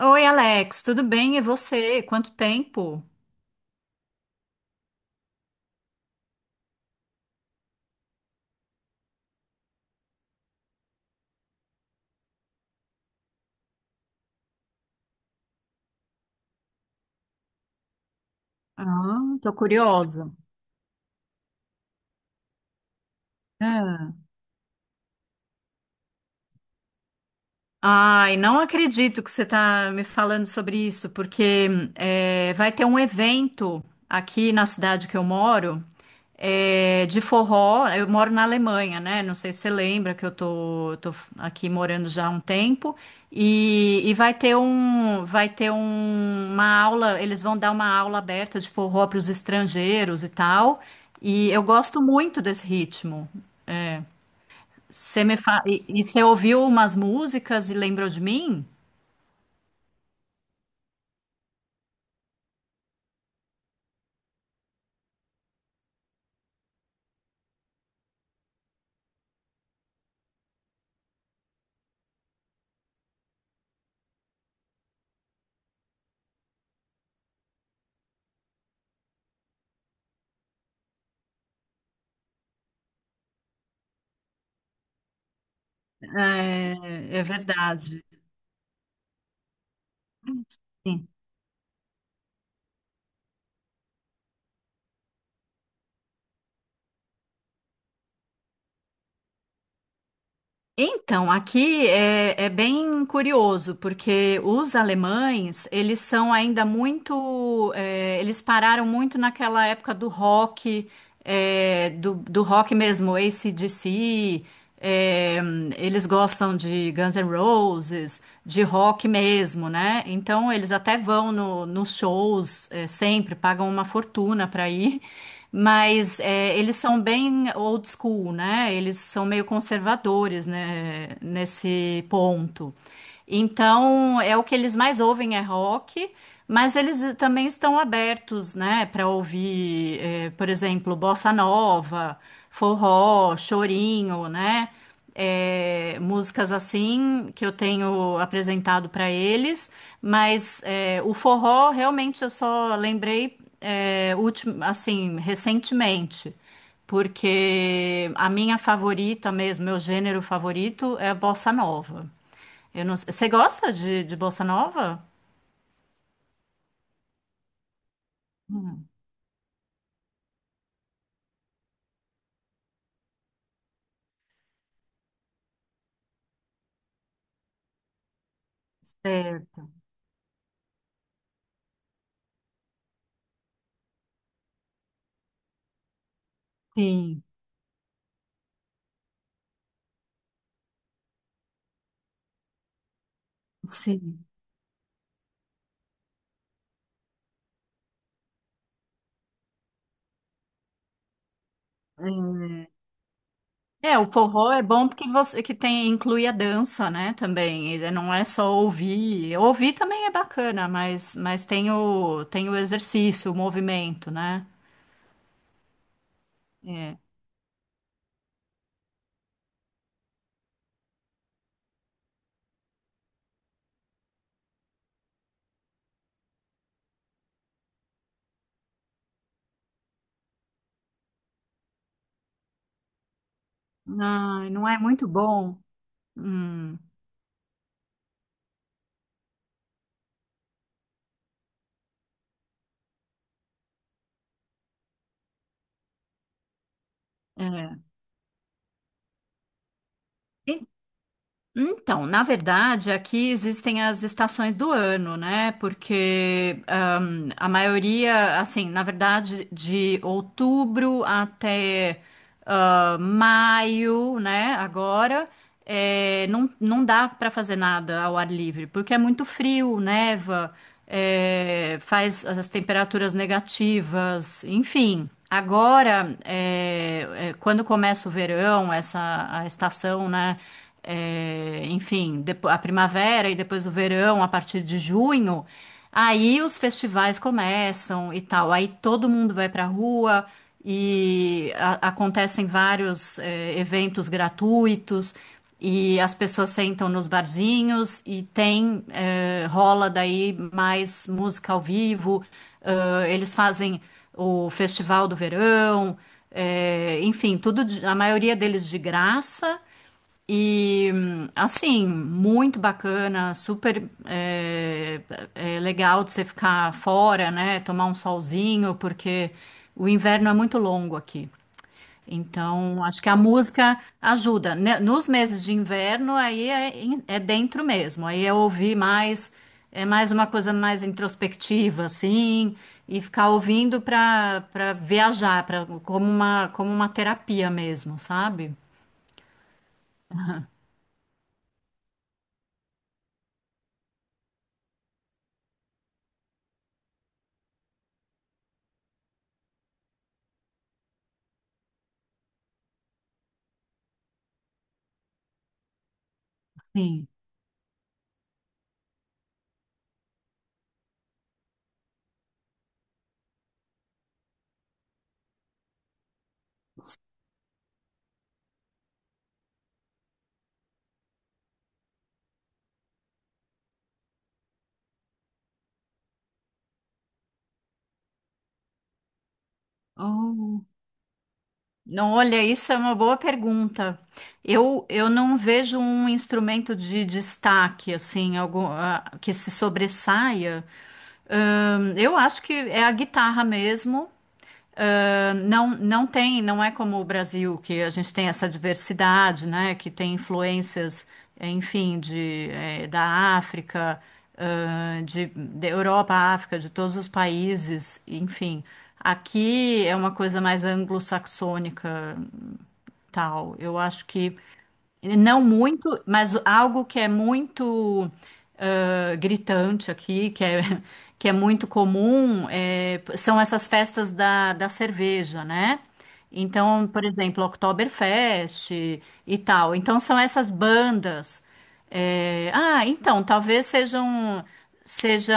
Oi, Alex, tudo bem? E você? Quanto tempo? Ah, tô curiosa. É. Ai, não acredito que você está me falando sobre isso, porque vai ter um evento aqui na cidade que eu moro, é, de forró. Eu moro na Alemanha, né? Não sei se você lembra que eu tô aqui morando já há um tempo. E vai ter um, uma aula. Eles vão dar uma aula aberta de forró para os estrangeiros e tal. E eu gosto muito desse ritmo. É. E você ouviu umas músicas e lembrou de mim? É, é verdade. Sim. Então, aqui é bem curioso, porque os alemães, eles são ainda muito, eles pararam muito naquela época do rock, do rock mesmo, AC/DC, eh, eles gostam de Guns N' Roses, de rock mesmo, né? Então, eles até vão nos shows, sempre, pagam uma fortuna para ir, mas é, eles são bem old school, né? Eles são meio conservadores, né? Nesse ponto. Então, é o que eles mais ouvem é rock, mas eles também estão abertos, né? Para ouvir, é, por exemplo, bossa nova, forró, chorinho, né? É, músicas assim que eu tenho apresentado para eles, mas é, o forró realmente eu só lembrei é, assim recentemente, porque a minha favorita mesmo, meu gênero favorito é a bossa nova. Eu não, você gosta de bossa nova? Hum, certo. Sim, sim. É, o forró é bom porque você que tem inclui a dança, né, também. E é, não é só ouvir. Ouvir também é bacana, mas, tem o exercício, o movimento, né? É. Não, não é muito bom. Hum, é. Então, na verdade, aqui existem as estações do ano, né? Porque a maioria, assim, na verdade, de outubro até ah, maio, né? Agora, é, não, não dá para fazer nada ao ar livre, porque é muito frio, neva, é, faz as temperaturas negativas, enfim. Agora, quando começa o verão, essa a estação, né? É, enfim, a primavera e depois o verão, a partir de junho, aí os festivais começam e tal. Aí todo mundo vai pra rua e acontecem vários, é, eventos gratuitos. E as pessoas sentam nos barzinhos e tem, é, rola daí mais música ao vivo. Eles fazem o Festival do Verão, é, enfim, a maioria deles de graça. E assim, muito bacana, super é, é legal de você ficar fora, né? Tomar um solzinho, porque o inverno é muito longo aqui. Então, acho que a música ajuda, né? Nos meses de inverno, é dentro mesmo. Aí é ouvir mais, é mais uma coisa mais introspectiva, assim, e ficar ouvindo para viajar, para como uma terapia mesmo, sabe? Sim. Oh. Não, olha, isso é uma boa pergunta. Eu não vejo um instrumento de destaque, assim, algum, ah, que se sobressaia. Eu acho que é a guitarra mesmo. Ah, não, não tem, não é como o Brasil, que a gente tem essa diversidade, né? Que tem influências, enfim, da África, ah, da Europa, África, de todos os países, enfim. Aqui é uma coisa mais anglo-saxônica, tal. Eu acho que não muito, mas algo que é muito ah, gritante aqui, que é muito comum, é, são essas festas da cerveja, né? Então, por exemplo, Oktoberfest e tal. Então, são essas bandas. É, ah, então, seja,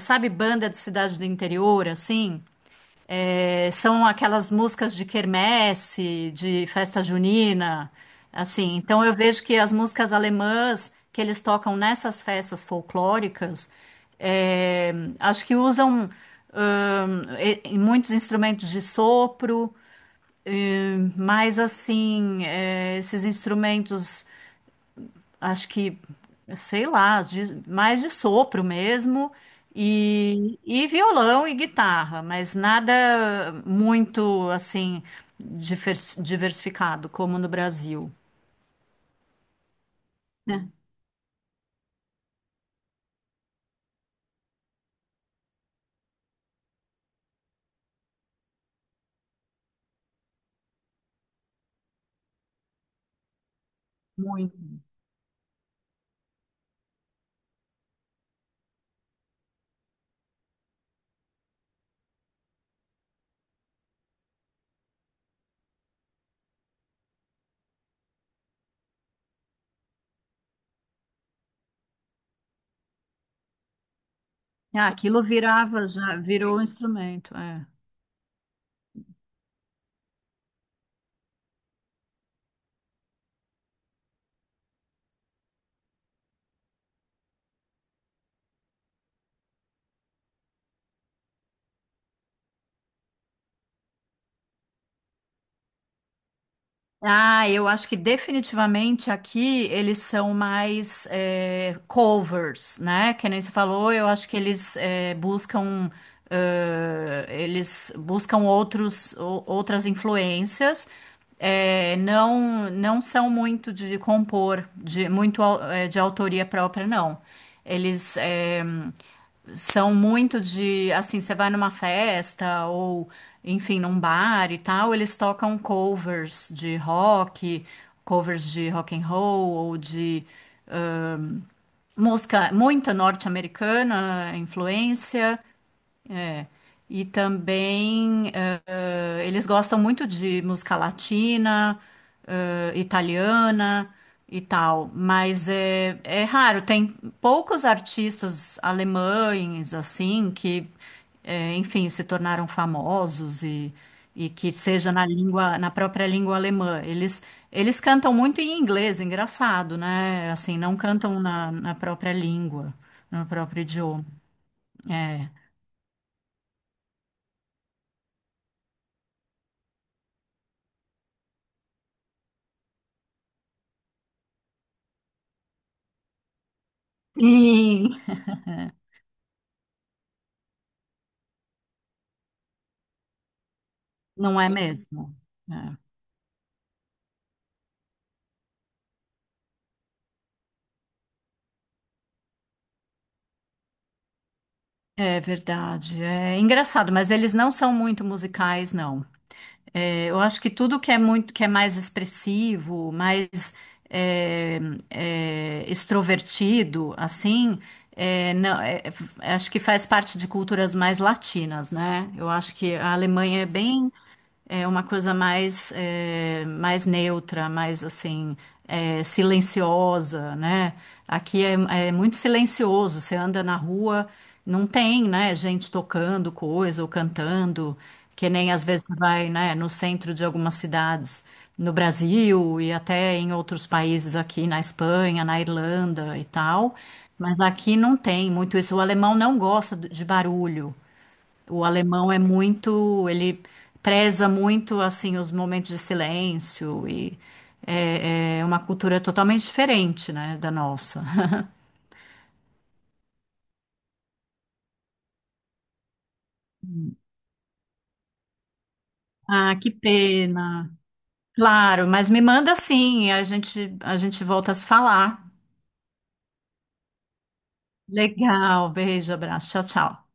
sabe, banda de cidade do interior, assim? É, são aquelas músicas de quermesse, de festa junina, assim. Então eu vejo que as músicas alemãs que eles tocam nessas festas folclóricas, é, acho que usam e muitos instrumentos de sopro, mas assim, é, esses instrumentos acho que, sei lá, mais de sopro mesmo, e violão e guitarra, mas nada muito assim diversificado como no Brasil. Muito. Ah, aquilo virava, já virou um instrumento. É. Ah, eu acho que definitivamente aqui eles são mais covers, né? Que nem você falou, eu acho que eles buscam outras influências, não não são muito de compor, de autoria própria, não. Eles são muito de, assim, você vai numa festa ou, enfim, num bar e tal, eles tocam covers de rock and roll ou de música muito norte-americana, influência. E também eles gostam muito de música latina, italiana e tal, mas é, é raro, tem poucos artistas alemães assim que, enfim, se tornaram famosos e que seja na língua, na própria língua alemã. Eles cantam muito em inglês, engraçado, né? Assim, não cantam na própria língua, no próprio idioma. É. Sim. Não é mesmo? É, é verdade. É engraçado, mas eles não são muito musicais, não. É, eu acho que tudo que é muito, que é mais expressivo, mais é, extrovertido, assim, é, não- é, acho que faz parte de culturas mais latinas, né? Eu acho que a Alemanha é bem. É uma coisa mais, mais neutra, mais assim, silenciosa, né? Aqui é, é muito silencioso, você anda na rua, não tem, né, gente tocando coisa ou cantando, que nem às vezes você vai, né, no centro de algumas cidades no Brasil e até em outros países aqui na Espanha, na Irlanda e tal. Mas aqui não tem muito isso. O alemão não gosta de barulho. O alemão é muito, ele preza muito assim os momentos de silêncio e é, é uma cultura totalmente diferente, né, da nossa. Ah, que pena. Claro, mas me manda sim, a gente volta a se falar. Legal, beijo, abraço, tchau, tchau.